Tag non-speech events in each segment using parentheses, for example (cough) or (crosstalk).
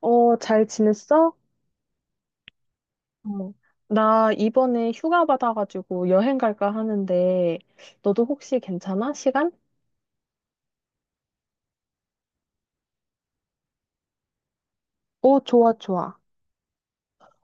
어, 잘 지냈어? 어, 나 이번에 휴가 받아가지고 여행 갈까 하는데, 너도 혹시 괜찮아? 시간? 어, 좋아, 좋아.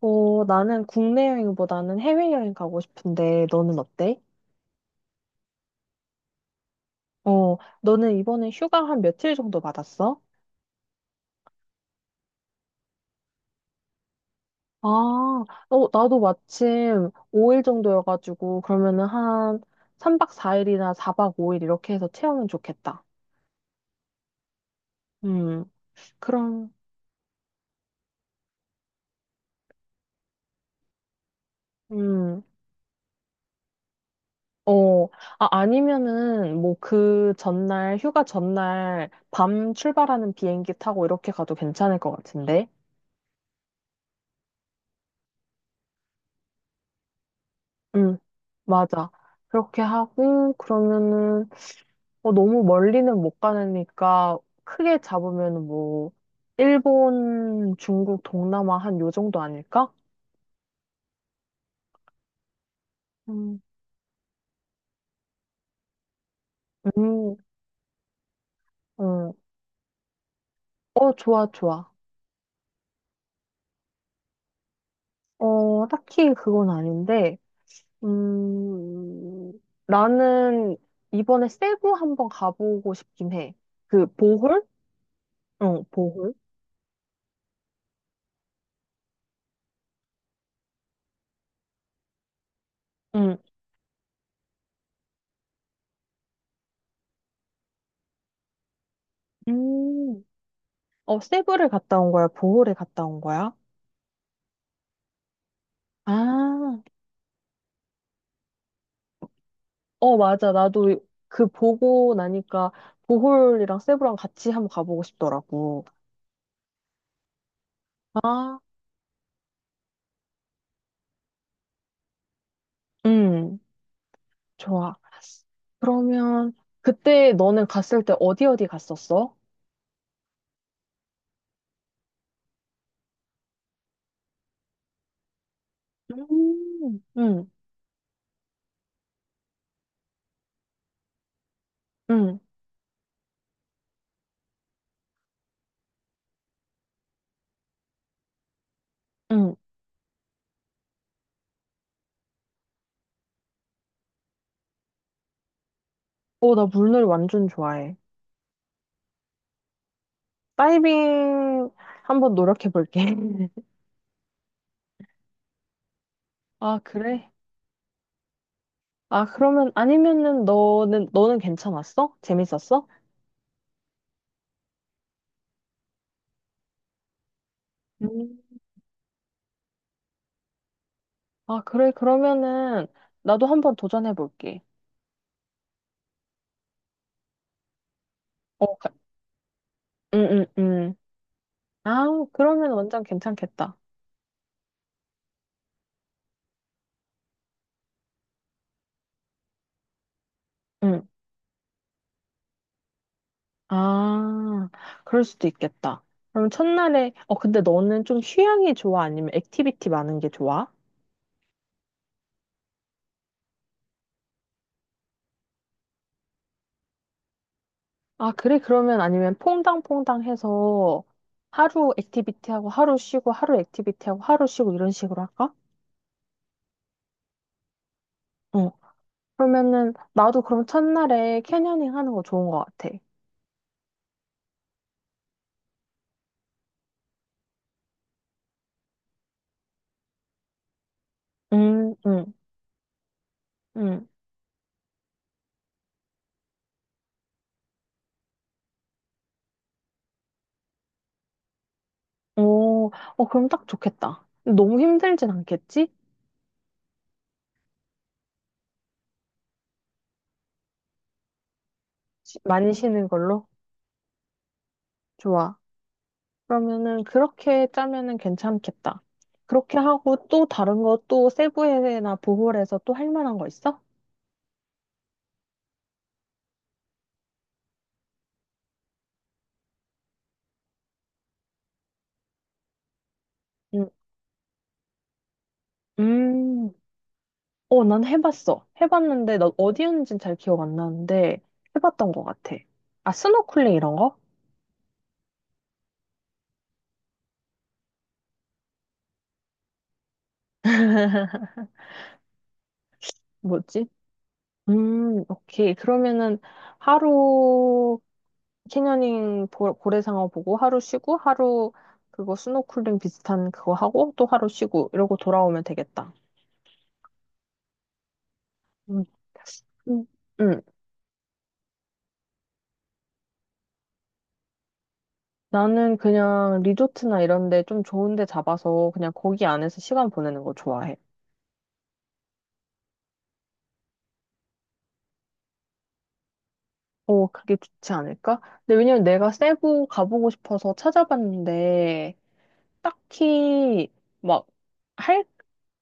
어, 나는 국내 여행보다는 해외여행 가고 싶은데, 너는 어때? 어, 너는 이번에 휴가 한 며칠 정도 받았어? 아, 어, 나도 마침 5일 정도여가지고, 그러면은 한 3박 4일이나 4박 5일 이렇게 해서 채우면 좋겠다. 음, 그럼, 음. 어, 아, 아니면은, 뭐, 그 전날, 휴가 전날, 밤 출발하는 비행기 타고 이렇게 가도 괜찮을 것 같은데? 응, 맞아. 그렇게 하고, 그러면은, 어, 너무 멀리는 못 가니까, 크게 잡으면 뭐, 일본, 중국, 동남아 한 요 정도 아닐까? 음. 음, 어, 어, 좋아, 좋아. 어, 딱히 그건 아닌데, 음, 나는 이번에 세부 한번 가보고 싶긴 해. 그 보홀? 응 보홀? 응. 음, 어, 세부를 갔다 온 거야? 보홀에 갔다 온 거야? 아, 어, 맞아. 나도 그 보고 나니까 보홀이랑 세부랑 같이 한번 가보고 싶더라고. 아, 음, 좋아. 그러면 그때 너는 갔을 때 어디 어디 갔었어? 응, 응, 응. 어, 나 물놀이 완전 좋아해. 다이빙 한번 노력해 볼게. (laughs) 아, 그래? 아, 그러면 아니면은 너는 괜찮았어? 재밌었어? 음. 아, 그래. 그러면은 나도 한번 도전해 볼게. 어, 응, 응, 응. 아, 그러면 완전 괜찮겠다. 응. 아, 그럴 수도 있겠다. 그럼 첫날에 어, 근데 너는 좀 휴양이 좋아? 아니면 액티비티 많은 게 좋아? 아, 그래? 그러면 아니면 퐁당퐁당 해서 하루 액티비티하고 하루 쉬고 하루 액티비티하고 하루 쉬고 이런 식으로 할까? 어. 그러면은 나도 그럼 첫날에 캐녀닝 하는 거 좋은 것 같아. 음, 음, 음. 오, 어, 그럼 딱 좋겠다. 너무 힘들진 않겠지? 많이 쉬는 걸로? 좋아. 그러면은 그렇게 짜면은 괜찮겠다. 그렇게 하고 또 다른 거 또 세부에나 보홀에서 또 할 만한 거 있어? 음. 음. 어, 난 해봤어. 해봤는데, 나 어디였는지는 잘 기억 안 나는데, 해봤던 것 같아. 아, 스노클링 이런 거? 뭐지? 오케이. 그러면은, 하루, 캐녀닝 고래상어 보고, 하루 쉬고, 하루, 그거 스노클링 비슷한 그거 하고, 또 하루 쉬고, 이러고 돌아오면 되겠다. 음, 음, 음. 나는 그냥 리조트나 이런 데 좀 좋은 데 잡아서, 그냥 거기 안에서 시간 보내는 거 좋아해. 어, 그게 좋지 않을까? 근데 왜냐면 내가 세부 가보고 싶어서 찾아봤는데, 딱히, 막, 할,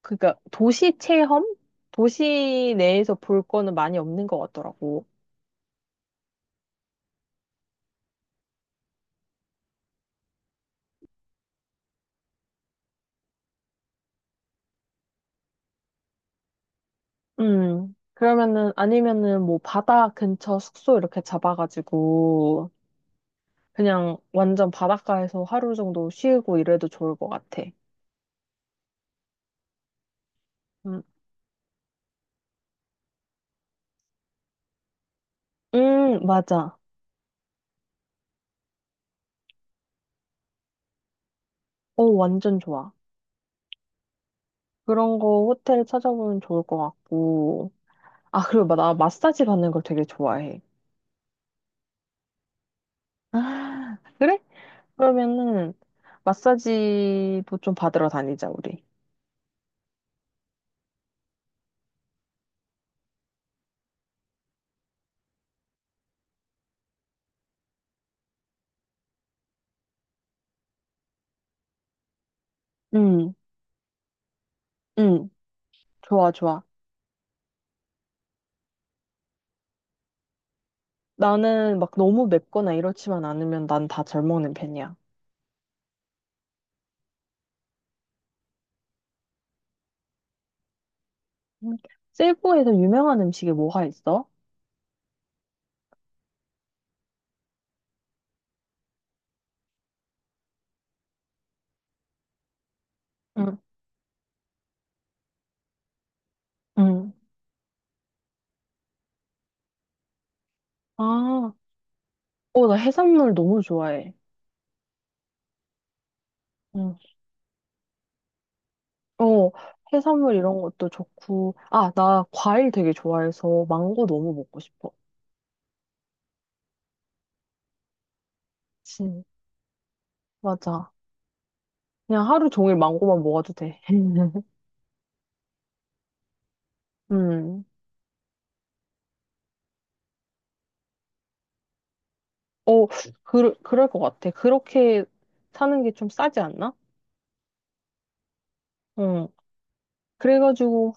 그니까, 도시 체험? 도시 내에서 볼 거는 많이 없는 것 같더라고. 그러면은, 아니면은, 뭐, 바다 근처 숙소 이렇게 잡아가지고, 그냥 완전 바닷가에서 하루 정도 쉬고 이래도 좋을 것 같아. 음, 맞아. 어, 완전 좋아. 그런 거 호텔 찾아보면 좋을 것 같고, 아, 그리고 나 마사지 받는 걸 되게 좋아해. 아, 그래? 그러면은 마사지도 좀 받으러 다니자, 우리. 응, 응. 좋아, 좋아. 나는 막 너무 맵거나 이렇지만 않으면 난 다 잘 먹는 편이야. 응, 세부에서 유명한 음식이 뭐가 있어? 응, 응. 아, 어, 나 해산물 너무 좋아해. 응. 어, 해산물 이런 것도 좋고. 아, 나 과일 되게 좋아해서 망고 너무 먹고 싶어. 진. 맞아. 그냥 하루 종일 망고만 먹어도 돼. (laughs) 음. 어, 그럴 것 같아. 그렇게 사는 게 좀 싸지 않나? 응. 그래가지고,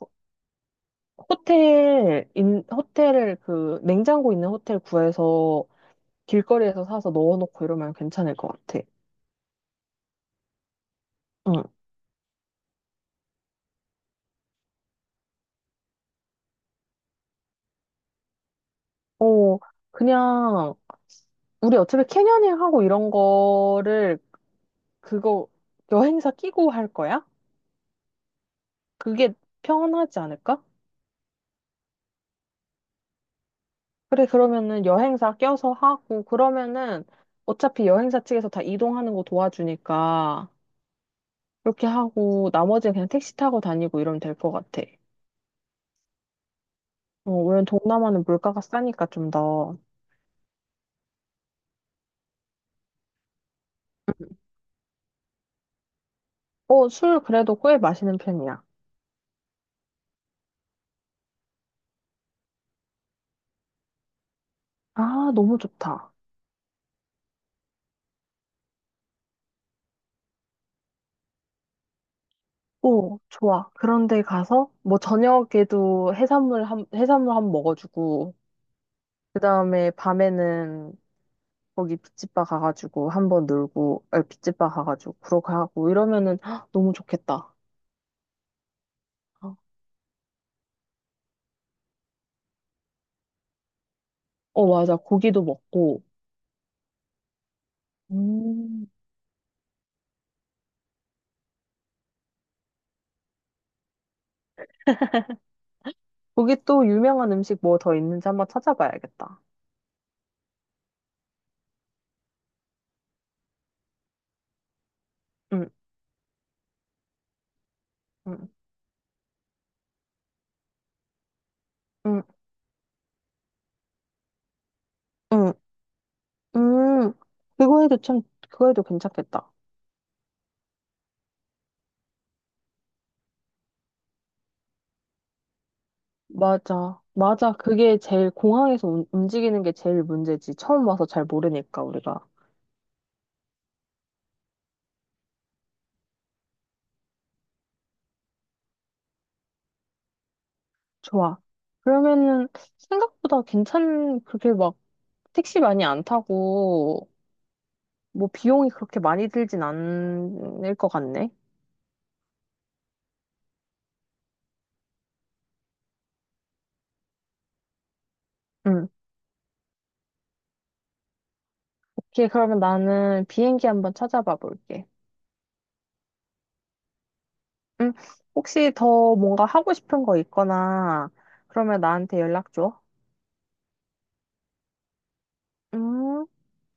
호텔을 그, 냉장고 있는 호텔 구해서 길거리에서 사서 넣어놓고 이러면 괜찮을 것 같아. 응. 어, 그냥, 우리 어차피 캐녀닝하고 이런 거를, 그거, 여행사 끼고 할 거야? 그게 편하지 않을까? 그래, 그러면은 여행사 껴서 하고, 그러면은 어차피 여행사 측에서 다 이동하는 거 도와주니까, 그렇게 하고, 나머지는 그냥 택시 타고 다니고 이러면 될 것 같아. 어, 왜냐면 동남아는 물가가 싸니까 좀 더. 어, 술 그래도 꽤 마시는 편이야. 아, 너무 좋다. 오, 좋아. 그런데 가서, 뭐 저녁에도 해산물 한 번 먹어주고, 그 다음에 밤에는 거기 빗집바 가가지고 한 번 놀고, 아니, 빗집바 가가지고 그러고 하고 이러면은 헉, 너무 좋겠다. 어, 맞아. 고기도 먹고. 음, 거기 또 유명한 음식 뭐 더 있는지 한번 찾아봐야겠다. 응, 응, 응, 응, 응. 그거 해도 참, 그거 해도 괜찮겠다. 맞아. 맞아. 그게 제일 공항에서 움직이는 게 제일 문제지. 처음 와서 잘 모르니까, 우리가. 좋아. 그러면은 생각보다 괜찮, 그렇게 막 택시 많이 안 타고 뭐 비용이 그렇게 많이 들진 않을 것 같네. 응. 오케이, 그러면 나는 비행기 한번 찾아봐 볼게. 응. 혹시 더 뭔가 하고 싶은 거 있거나 그러면 나한테 연락 줘. 음.